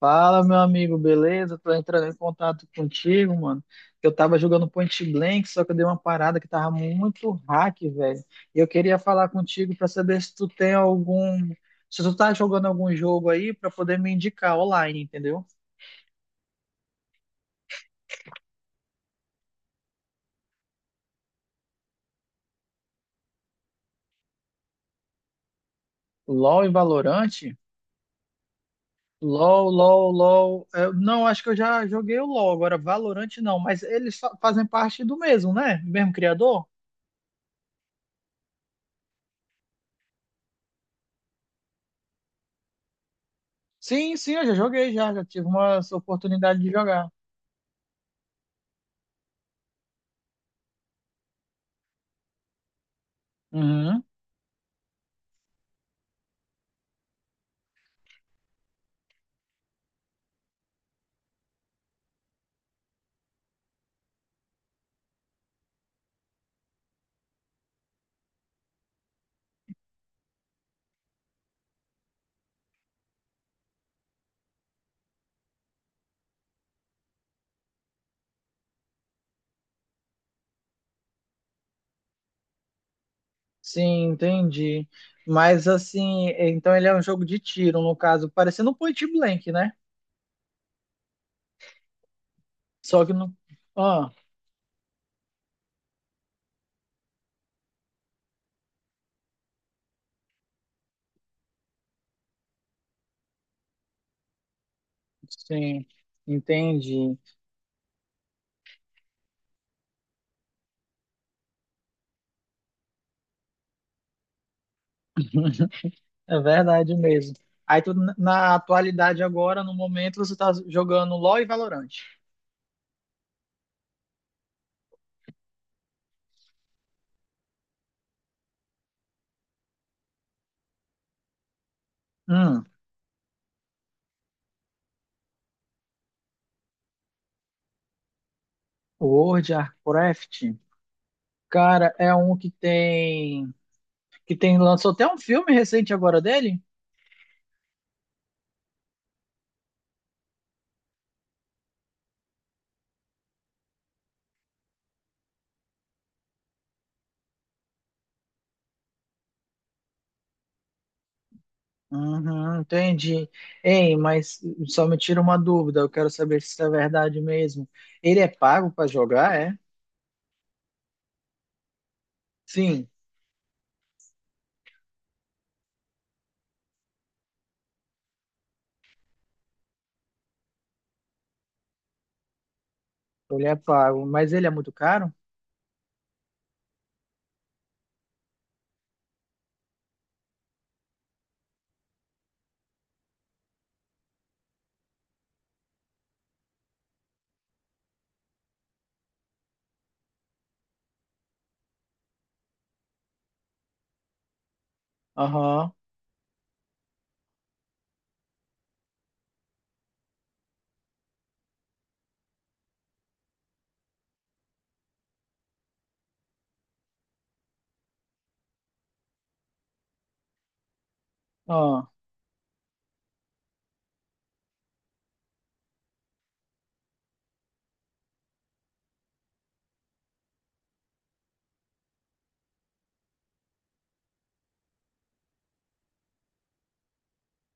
Fala, meu amigo, beleza? Tô entrando em contato contigo, mano. Eu tava jogando Point Blank, só que eu dei uma parada que tava muito hack, velho. E eu queria falar contigo pra saber se tu tem algum. Se tu tá jogando algum jogo aí pra poder me indicar online, entendeu? LOL e Valorante? LOL, LOL, LOL. Não, acho que eu já joguei o LOL, agora Valorante não, mas eles fazem parte do mesmo, né? Mesmo criador? Sim, sim, eu já joguei, já tive uma oportunidade de jogar. Uhum. Sim, entendi. Mas assim, é, então ele é um jogo de tiro, no caso, parecendo um point blank, né? Só que não. Ah, sim, entendi. É verdade mesmo. Aí tu, na atualidade agora, no momento, você tá jogando LoL e Valorant. Hum, World of Warcraft. Cara, é um que tem. Que tem. Lançou até um filme recente agora dele. Uhum, entendi. Ei, mas só me tira uma dúvida, eu quero saber se isso é verdade mesmo. Ele é pago para jogar, é? Sim, ele é pago, mas ele é muito caro? Aham. Aham.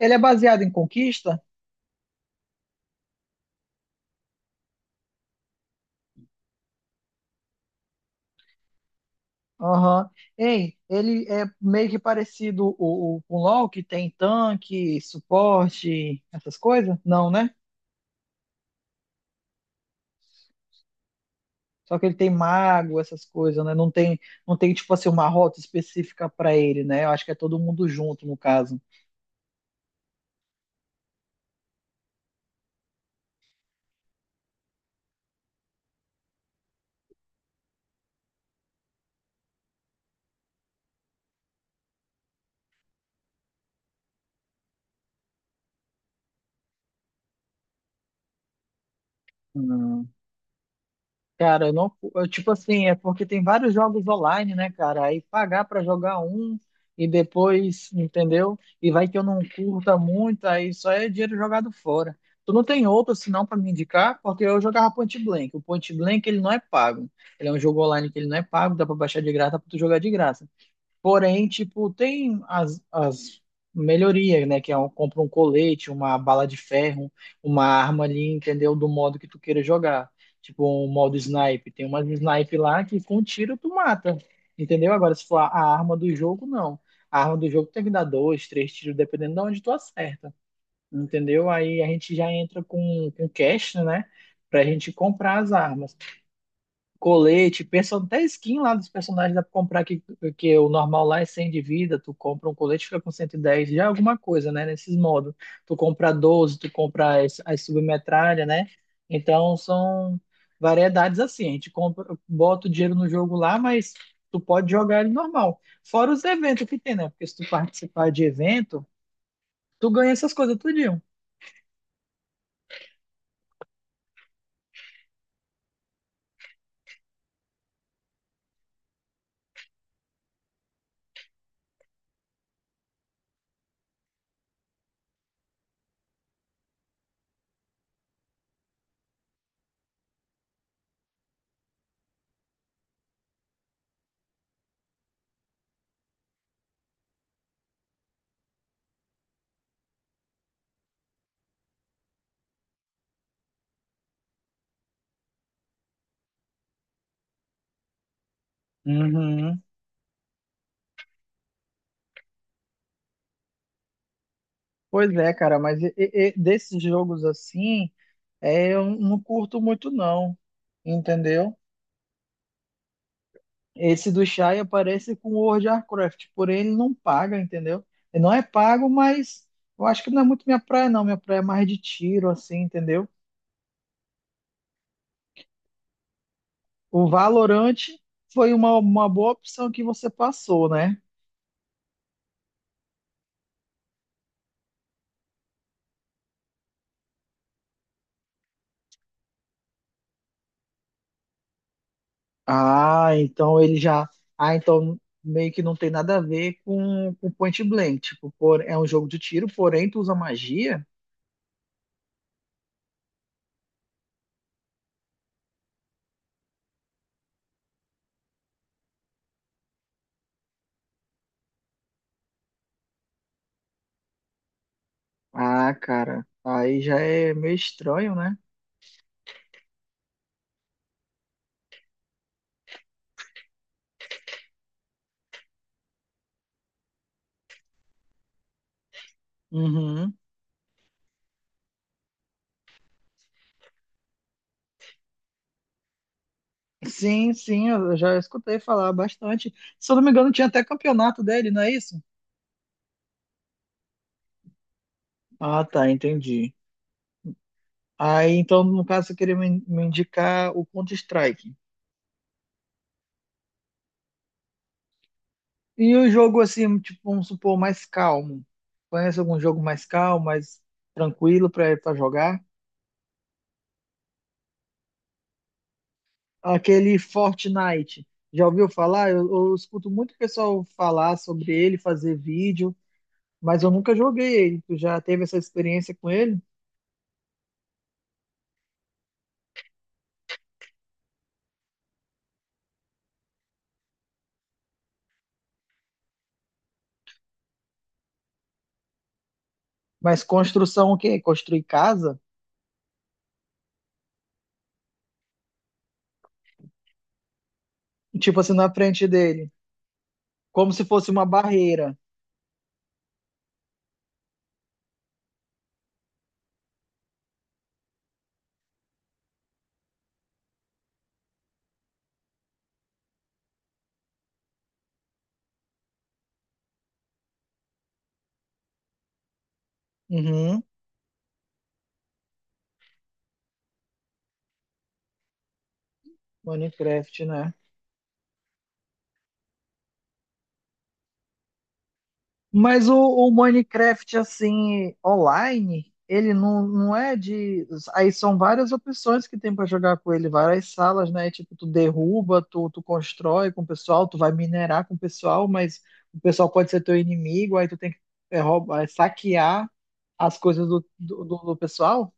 Ele é baseado em conquista? Aham. Ei, ele é meio que parecido com o LoL, que tem tanque, suporte, essas coisas? Não, né? Só que ele tem mago, essas coisas, né? Não tem, não tem tipo assim uma rota específica para ele, né? Eu acho que é todo mundo junto no caso. Cara, eu não, eu, tipo assim, é porque tem vários jogos online, né, cara? Aí pagar pra jogar um e depois, entendeu? E vai que eu não curta muito, aí só é dinheiro jogado fora. Tu não tem outro senão pra me indicar? Porque eu jogava Point Blank. O Point Blank ele não é pago. Ele é um jogo online que ele não é pago, dá pra baixar de graça, dá pra tu jogar de graça. Porém, tipo, tem as melhorias, né? Que é um, compra um colete, uma bala de ferro, uma arma ali, entendeu? Do modo que tu queira jogar. Tipo, um modo snipe. Tem umas snipe lá que com tiro tu mata, entendeu? Agora, se for a arma do jogo, não. A arma do jogo tem que dar dois, três tiros, dependendo de onde tu acerta, entendeu? Aí a gente já entra com cash, né? Pra gente comprar as armas colete, person... até skin lá dos personagens dá pra comprar que o normal lá é 100 de vida, tu compra um colete fica com 110, já é alguma coisa, né, nesses modos. Tu compra 12, tu compra as submetralha, né? Então são variedades assim, a gente compra, bota o dinheiro no jogo lá, mas tu pode jogar ele normal. Fora os eventos que tem, né? Porque se tu participar de evento, tu ganha essas coisas tudinho. Uhum. Pois é, cara, mas e desses jogos assim, é, eu não curto muito não, entendeu? Esse do Shai aparece com o World of Warcraft, porém ele não paga, entendeu? Ele não é pago, mas eu acho que não é muito minha praia não, minha praia é mais de tiro, assim, entendeu? O Valorant foi uma boa opção que você passou, né? Ah, então ele já... Ah, então meio que não tem nada a ver com Point Blank, tipo, por... é um jogo de tiro, porém tu usa magia? Ah, cara, aí já é meio estranho, né? Uhum. Sim, sim, eu já escutei falar bastante. Se eu não me engano, tinha até campeonato dele, não é isso? Ah, tá, entendi. Aí, então, no caso, você queria me indicar o Counter-Strike. E o jogo, assim, tipo, vamos supor, mais calmo. Conhece algum jogo mais calmo, mais tranquilo pra jogar? Aquele Fortnite. Já ouviu falar? Eu escuto muito pessoal falar sobre ele, fazer vídeo, mas eu nunca joguei ele. Tu já teve essa experiência com ele? Mas construção o quê? Construir casa? Tipo assim, na frente dele. Como se fosse uma barreira. Uhum, Minecraft, né? Mas o Minecraft, assim, online, ele não, não é de. Aí são várias opções que tem pra jogar com ele, várias salas, né? Tipo, tu derruba, tu constrói com o pessoal, tu vai minerar com o pessoal, mas o pessoal pode ser teu inimigo, aí tu tem que é, roubar, é, saquear as coisas do pessoal.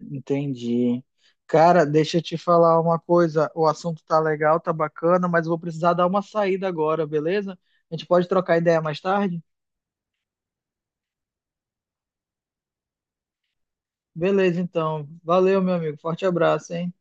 Entendi. Cara, deixa eu te falar uma coisa. O assunto tá legal, tá bacana, mas eu vou precisar dar uma saída agora, beleza? A gente pode trocar ideia mais tarde? Beleza, então. Valeu, meu amigo. Forte abraço, hein?